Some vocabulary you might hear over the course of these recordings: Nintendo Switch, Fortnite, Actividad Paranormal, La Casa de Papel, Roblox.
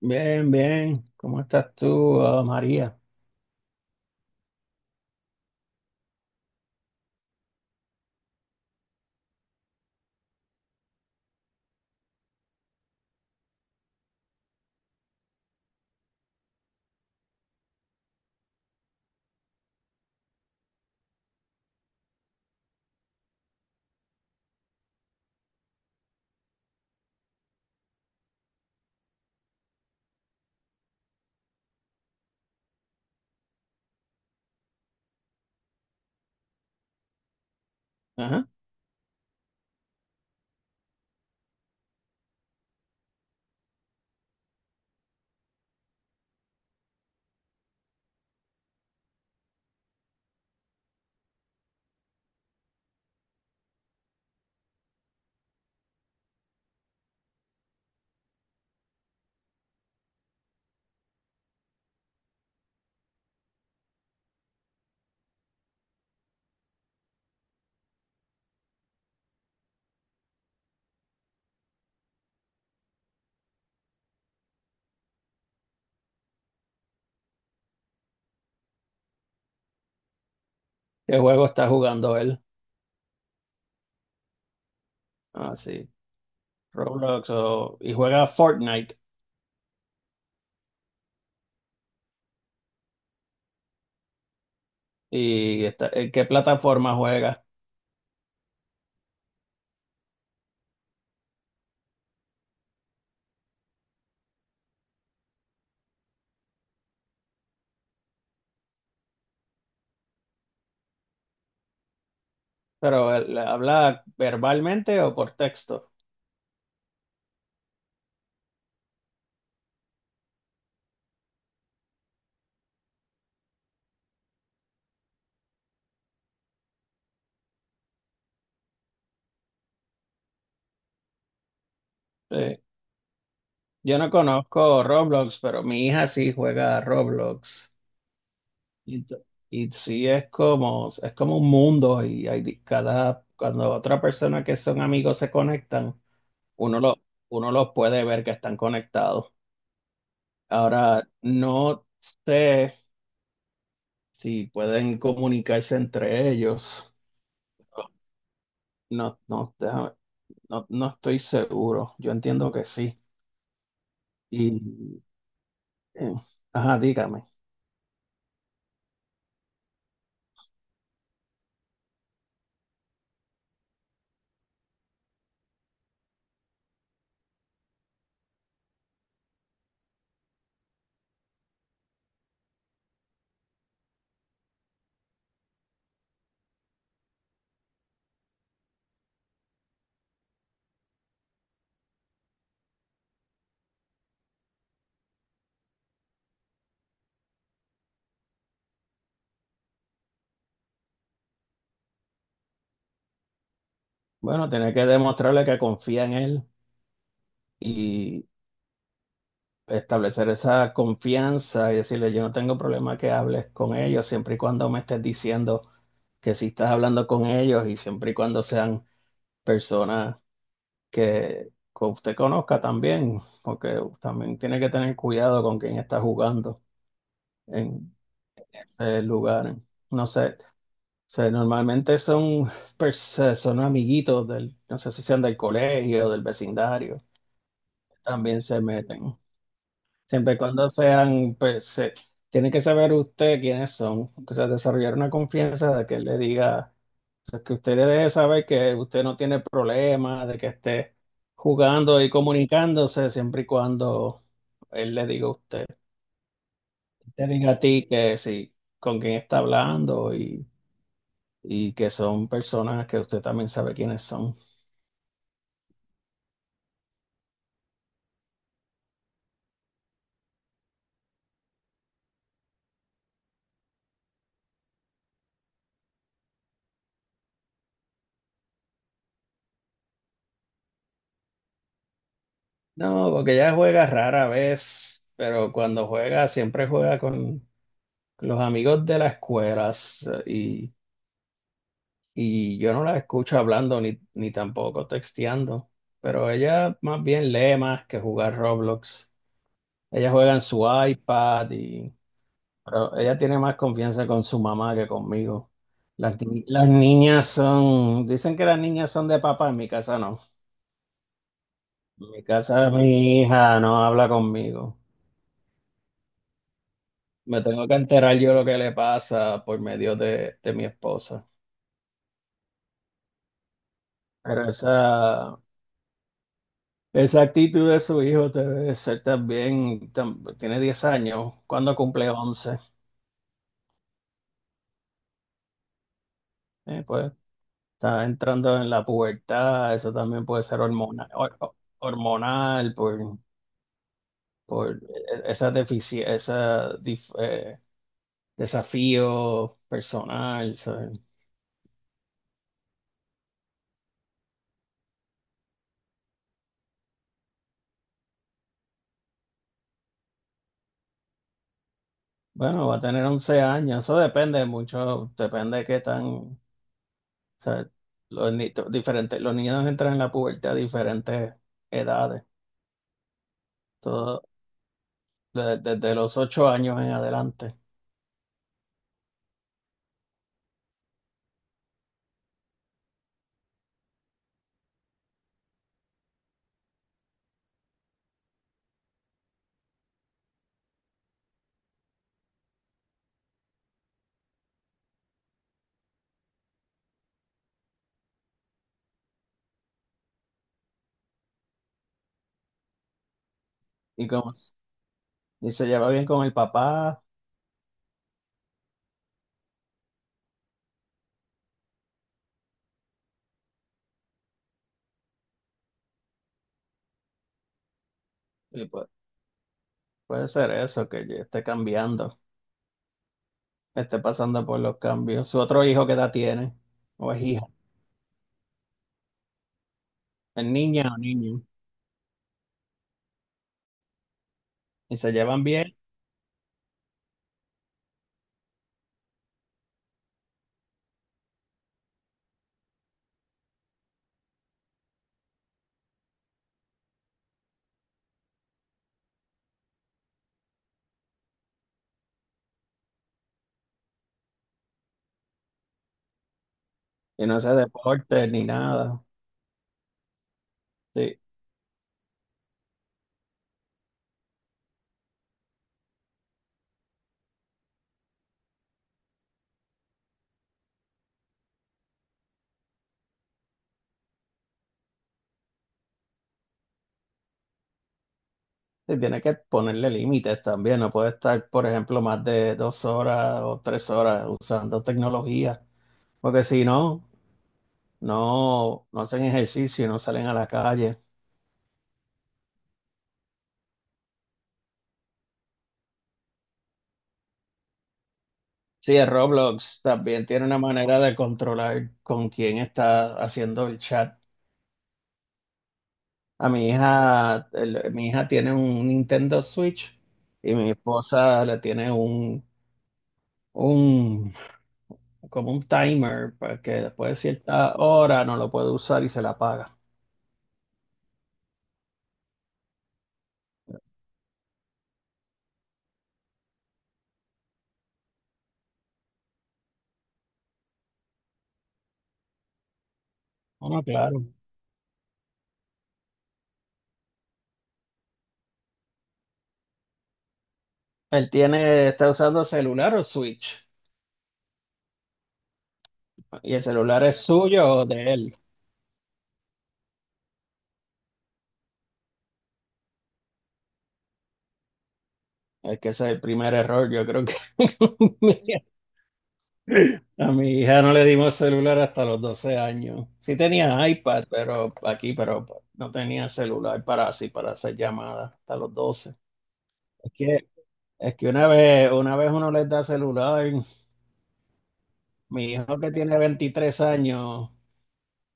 Bien, bien. ¿Cómo estás tú, María? Ajá. ¿Qué juego está jugando él? Ah, sí. Y juega Fortnite. En qué plataforma juega? Pero él habla verbalmente o por texto. Sí. Yo no conozco Roblox, pero mi hija sí juega a Roblox. Y, t- y sí es como un mundo y cada, cuando otra persona que son amigos se conectan, uno lo, uno los puede ver que están conectados. Ahora, no sé si pueden comunicarse entre ellos. No, no, déjame- no, no estoy seguro. Yo entiendo que sí. Y, eh, ajá, dígame. Bueno, tiene que demostrarle que confía en él y establecer esa confianza y decirle, yo no tengo problema que hables con ellos siempre y cuando me estés diciendo que sí estás hablando con ellos y siempre y cuando sean personas que, que usted conozca también, porque también tiene que tener cuidado con quién está jugando en ese lugar. No sé, o sea, normalmente son, son amiguitos del, no sé si sean del colegio, del vecindario, también se meten. Siempre y cuando sean, pues, tiene que saber usted quiénes son, o sea, desarrollar una confianza de que él le diga. O sea, que usted debe saber que usted no tiene problema de que esté jugando y comunicándose siempre y cuando él le diga a usted, te diga a ti que sí, con quién está hablando y que son personas que usted también sabe quiénes son. No, porque ella juega rara vez, pero cuando juega siempre juega con los amigos de las escuelas y yo no la escucho hablando ni tampoco texteando, pero ella más bien lee más que jugar Roblox. Ella juega en su iPad, y pero ella tiene más confianza con su mamá que conmigo. Las, ni- las niñas son, dicen que las niñas son de papá, en mi casa no. En mi casa mi hija no habla conmigo. Me tengo que enterar yo lo que le pasa por medio de mi esposa. Pero esa, Esa actitud de su hijo debe ser también, tiene 10 años, cuando cumple 11? Pues está entrando en la pubertad, eso también puede ser hormonal, hormonal por, esa deficiencia, desafío personal. ¿Sabes? Bueno, va a tener 11 años, eso depende mucho, depende de qué tan, o sea, los, ni- diferentes, los niños entran en la pubertad a diferentes edades. Todo. Desde los 8 años en adelante. Y como s- y se lleva bien con el papá, y pues puede ser eso, que ya esté cambiando, esté pasando por los cambios. Su otro hijo que edad tiene, o es hija, es niña o niño, y se llevan bien, y no hace deporte ni nada. Sí, sí, tiene que ponerle límites también, no puede estar, por ejemplo, más de 2 horas o 3 horas usando tecnología, porque si no, no hacen ejercicio, no salen a la calle. Sí, el Roblox también tiene una manera de controlar con quién está haciendo el chat. A mi hija, mi hija tiene un Nintendo Switch y mi esposa le tiene un como un timer para que después de cierta hora no lo puede usar y se la apaga. Ah, no, claro. Él tiene, está usando celular o Switch, y el celular es suyo o de él. Es que ese es el primer error, yo creo que a mi hija no le dimos celular hasta los 12 años. Sí tenía iPad, pero aquí, pero no tenía celular para así, para hacer llamadas hasta los 12. Es que, es que una vez uno les da celular, mi hijo que tiene 23 años,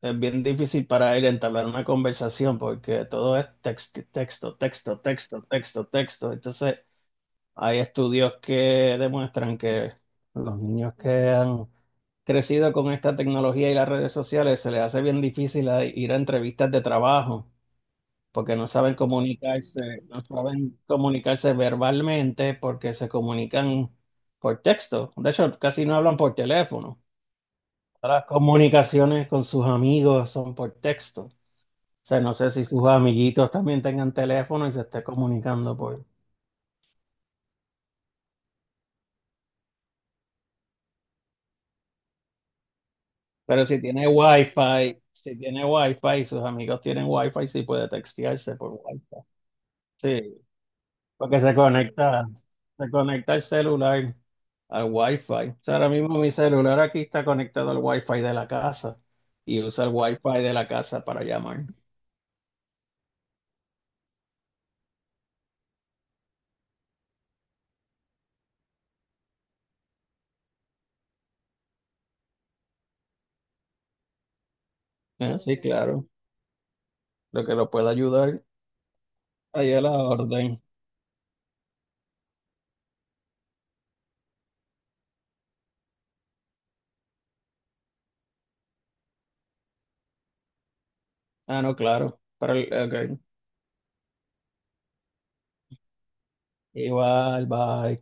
es bien difícil para él entablar una conversación porque todo es texto, texto, texto, texto, texto, texto. Entonces, hay estudios que demuestran que los niños que han crecido con esta tecnología y las redes sociales, se les hace bien difícil ir a entrevistas de trabajo porque no saben comunicarse, no saben comunicarse verbalmente porque se comunican por texto. De hecho, casi no hablan por teléfono. Las comunicaciones con sus amigos son por texto. O sea, no sé si sus amiguitos también tengan teléfono y se esté comunicando por... Pero si tiene wifi, si tiene wifi y sus amigos tienen wifi, sí puede textearse por wifi. Sí. Porque se conecta, se conecta el celular al Wi-Fi. O sea, ahora mismo mi celular aquí está conectado al Wi-Fi de la casa y usa el Wi-Fi de la casa para llamar. Ah, sí, claro. Lo que lo pueda ayudar, ahí a la orden. Ah, no, claro. Para el, ok. Igual, bye.